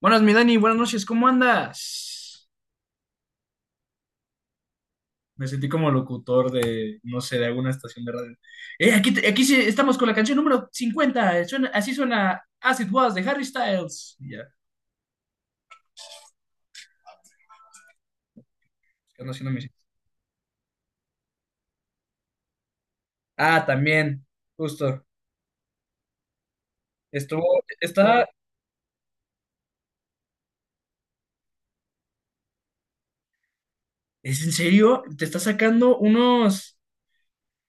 Buenas, mi Dani, buenas noches, ¿cómo andas? Me sentí como locutor de, no sé, de alguna estación de radio. Aquí sí estamos con la canción número 50. Así suena As It Was de Harry Styles. Ya que ando haciendo Ah, también, justo. Está, ¿es en serio? Te está sacando unos,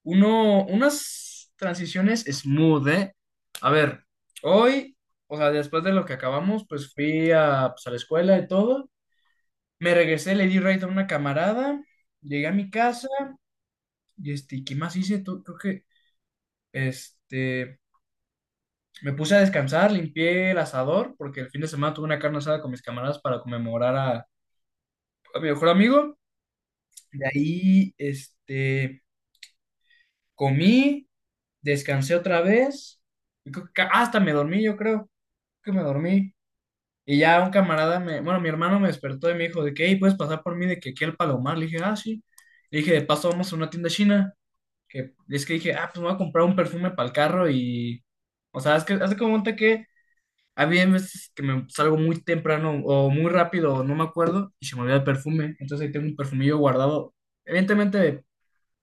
uno, unas transiciones smooth, ¿eh? A ver, hoy, o sea, después de lo que acabamos, pues fui a, pues, a la escuela y todo. Me regresé, le di raid a una camarada, llegué a mi casa y este, ¿qué más hice? Tú? Creo que este, me puse a descansar, limpié el asador porque el fin de semana tuve una carne asada con mis camaradas para conmemorar a mi mejor amigo. De ahí, este, comí, descansé otra vez, y creo que hasta me dormí, yo creo que me dormí. Y ya un camarada me, bueno, mi hermano me despertó y me dijo de que, hey, ¿puedes pasar por mí de que aquí al Palomar? Le dije, ah, sí. Le dije, de paso vamos a una tienda china. Que es que dije, ah, pues me voy a comprar un perfume para el carro y, o sea, es que hace como cuenta que había veces que me salgo muy temprano o muy rápido, o no me acuerdo, y se me olvida el perfume, entonces ahí tengo un perfumillo guardado, evidentemente de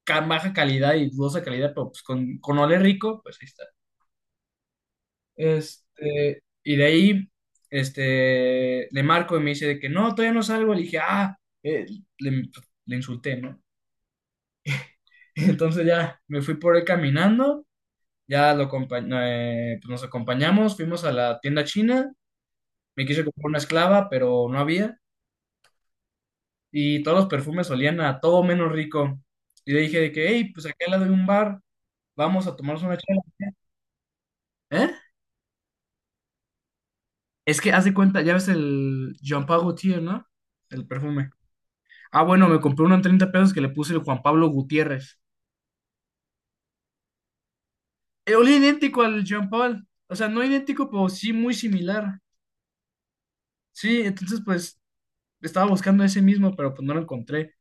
baja calidad y dudosa calidad, pero pues con olor rico, pues ahí está. Este, y de ahí, este, le marco y me dice de que no, todavía no salgo, le dije, ah, eh, le, le insulté, ¿no? Entonces ya me fui por ahí caminando. Ya pues nos acompañamos, fuimos a la tienda china, me quise comprar una esclava, pero no había, y todos los perfumes olían a todo menos rico. Y le dije de que, hey, pues acá al lado de un bar, vamos a tomarnos una chela. ¿Eh? Es que haz de cuenta, ya ves el Jean Paul Gaultier, ¿no? El perfume. Ah, bueno, me compré uno en 30 pesos que le puse el Juan Pablo Gutiérrez. Olía idéntico al Jean Paul, o sea, no idéntico, pero sí muy similar. Sí, entonces pues estaba buscando ese mismo, pero pues no lo encontré.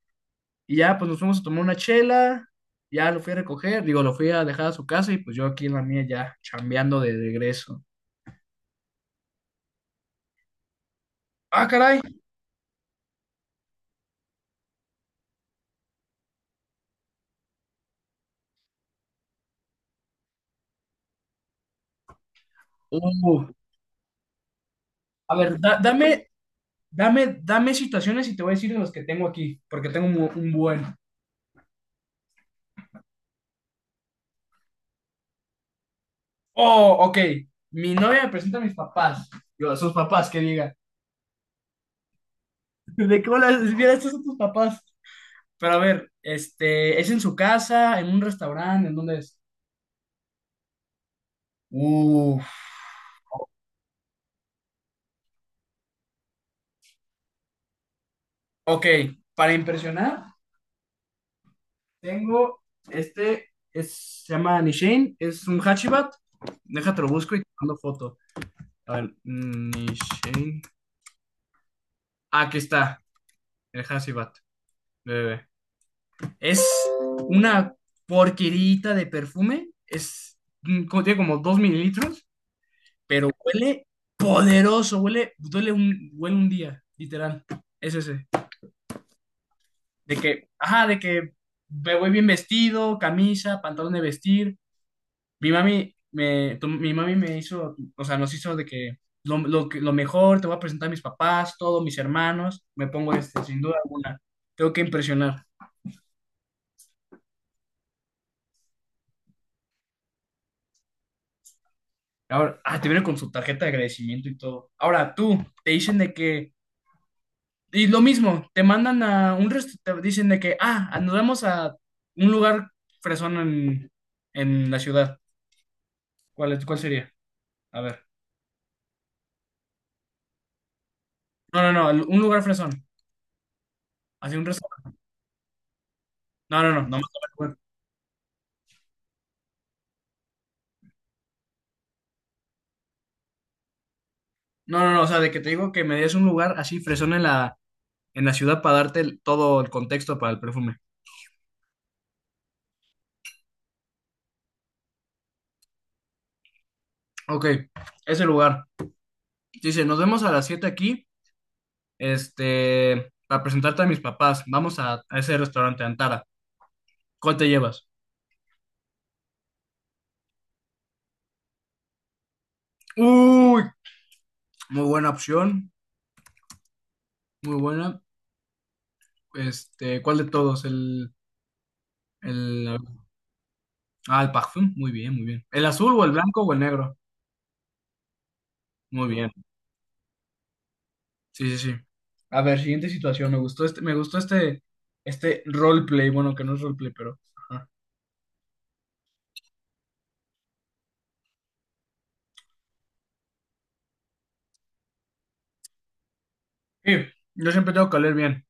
Y ya, pues nos fuimos a tomar una chela, ya lo fui a recoger, digo, lo fui a dejar a su casa y pues yo aquí en la mía ya chambeando de regreso. Ah, caray. Uh, a ver, dame situaciones y te voy a decir de los que tengo aquí, porque tengo un buen. Oh, ok. Mi novia me presenta a mis papás. Yo, a sus papás, que diga. ¿De cómo las vieras estos son tus papás? Pero a ver, este, ¿es en su casa, en un restaurante, en dónde es? Uf. Ok, para impresionar. Tengo este, es, se llama Nishin, es un Hachibat. Déjate lo busco y te mando foto. A ver, Nishin. Ah, aquí está, el Hachibat. Bebé. Es una porquerita de perfume. Es, contiene como 2 mililitros, pero huele poderoso. Huele, huele un día, literal. Es ese. De que, ajá, de que me voy bien vestido, camisa, pantalón de vestir. Mi mami me hizo, o sea, nos hizo de que lo mejor, te voy a presentar a mis papás, todos mis hermanos, me pongo este, sin duda alguna, tengo que impresionar. Ahora, ah, te viene con su tarjeta de agradecimiento y todo. Ahora tú, te dicen de que, y lo mismo, te mandan a un restaurante, te dicen de que, ah, nos vamos a un lugar fresón en la ciudad. ¿Cuál sería? A ver. No, no, no, un lugar fresón, así un restaurante. No, no, no, no. No, no, no, o sea, de que te digo que me des un lugar así fresón en la ciudad para todo el contexto para el perfume. Ok, ese lugar. Dice, nos vemos a las 7 aquí, este, para presentarte a mis papás. A ese restaurante, Antara. ¿Cuál te llevas? Uy, muy buena opción, muy buena. Este, ¿cuál de todos? El, ah, el parfum, muy bien, muy bien. ¿El azul o el blanco o el negro? Muy bien. Sí, sí, sí. A ver, siguiente situación. Me gustó este, este roleplay. Bueno, que no es roleplay, pero. Ajá. Sí, yo siempre tengo que oler bien.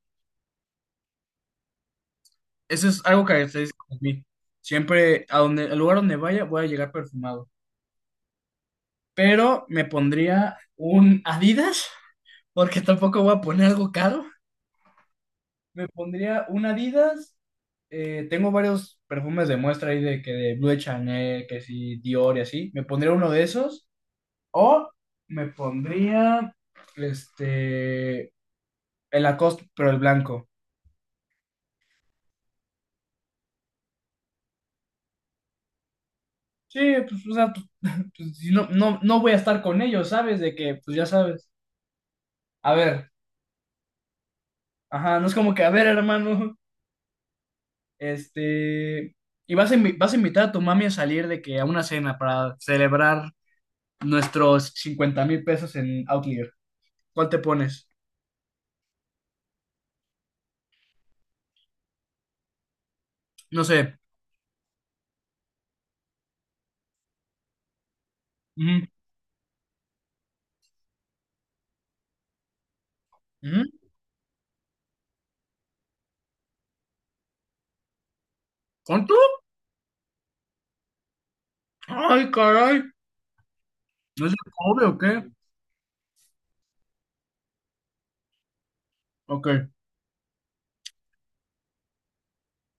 Eso es algo que caracteriza a mí. Siempre, a donde, al lugar donde vaya, voy a llegar perfumado. Pero me pondría un Adidas, porque tampoco voy a poner algo caro. Me pondría un Adidas. Tengo varios perfumes de muestra ahí de que de Blue de Chanel, que sí, Dior y así. Me pondría uno de esos. O me pondría este el Lacoste, pero el blanco. Sí, pues, o sea, pues, pues, si no voy a estar con ellos, ¿sabes? De que, pues ya sabes. A ver, ajá, no es como que, a ver, hermano, este. Y vas vas a invitar a tu mami a salir de que a una cena para celebrar nuestros 50,000 pesos en Outlier. ¿Cuál te pones? No sé. Ujú, ujú. ¿Cuánto? Ay, caray. ¿No es de cobre o qué? Ok.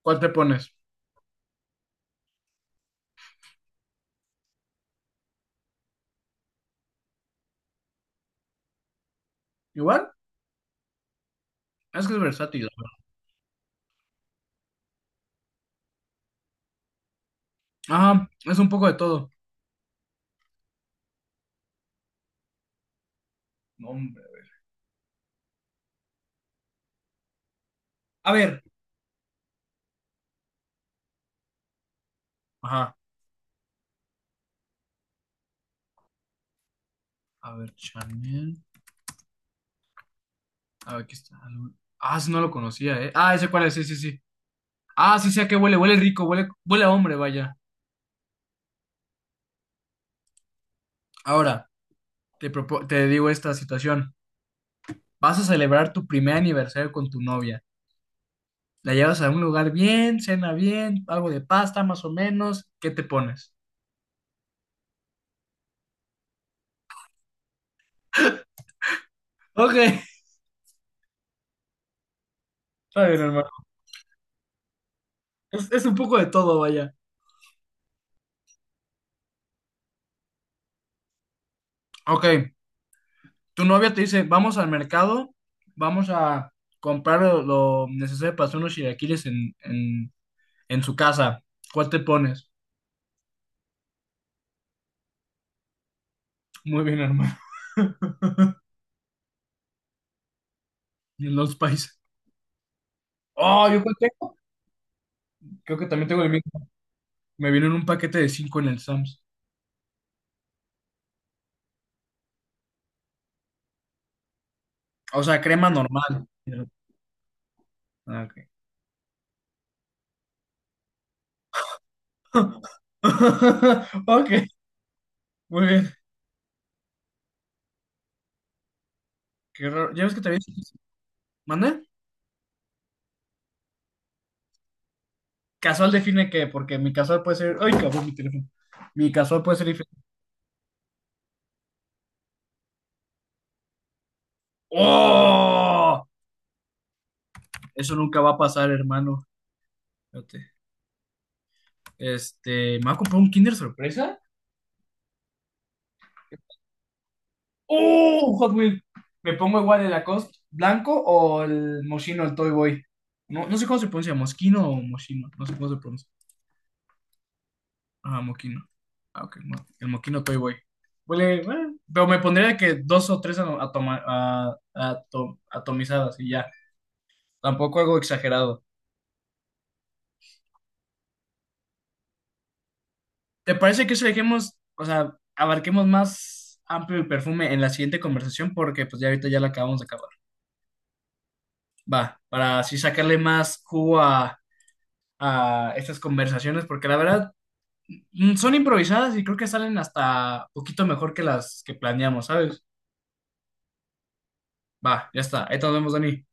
¿Cuál te pones? ¿Igual? Es que es versátil. La Ah, es un poco de todo. No, hombre. A ver, ajá. A ver, Chanel. A ver, aquí está. Ah, ese no lo conocía, ¿eh? Ah, ese cuál es, sí, sí, sí. Ah, sí sé a qué huele, huele rico, huele, huele a hombre, vaya. Ahora, te digo esta situación. Vas a celebrar tu primer aniversario con tu novia. La llevas a un lugar bien, cena bien, algo de pasta más o menos. ¿Qué te pones? Ok, está bien, hermano. Es un poco de todo, vaya. Ok, tu novia te dice, vamos al mercado, vamos a comprar lo necesario para hacer unos chilaquiles en su casa. ¿Cuál te pones? Muy bien, hermano. En los países. Oh, ¿yo cuál tengo? Creo que también tengo el mismo. Me vino en un paquete de 5 en el Sams. O sea, crema normal. Ah, ok. Ok, muy bien. Qué raro. ¿Ya ves que te había dicho? ¿Mande? Casual define qué, porque mi casual puede ser. Ay, cabrón, mi teléfono. Mi casual puede ser diferente. ¡Oh! Eso nunca va a pasar, hermano. Espérate. Este, me va a comprar un Kinder sorpresa. ¡Oh! Hot Wheels. Me pongo igual el Lacoste blanco o el Moschino, el Toy Boy. No, no sé cómo se pronuncia, Mosquino o Moschino. No sé cómo se pronuncia. Ah, Moquino. Ah, ok. El Moquino Toy Boy. Huele, bueno, pero me pondría que dos o tres atomizadas y ya. Tampoco algo exagerado. ¿Te parece que eso dejemos, o sea, abarquemos más amplio el perfume en la siguiente conversación? Porque pues ya ahorita ya la acabamos de acabar. Va, para así sacarle más jugo a estas conversaciones, porque la verdad mm, son improvisadas y creo que salen hasta poquito mejor que las que planeamos, ¿sabes? Va, ya está. Ahí nos vemos, Dani.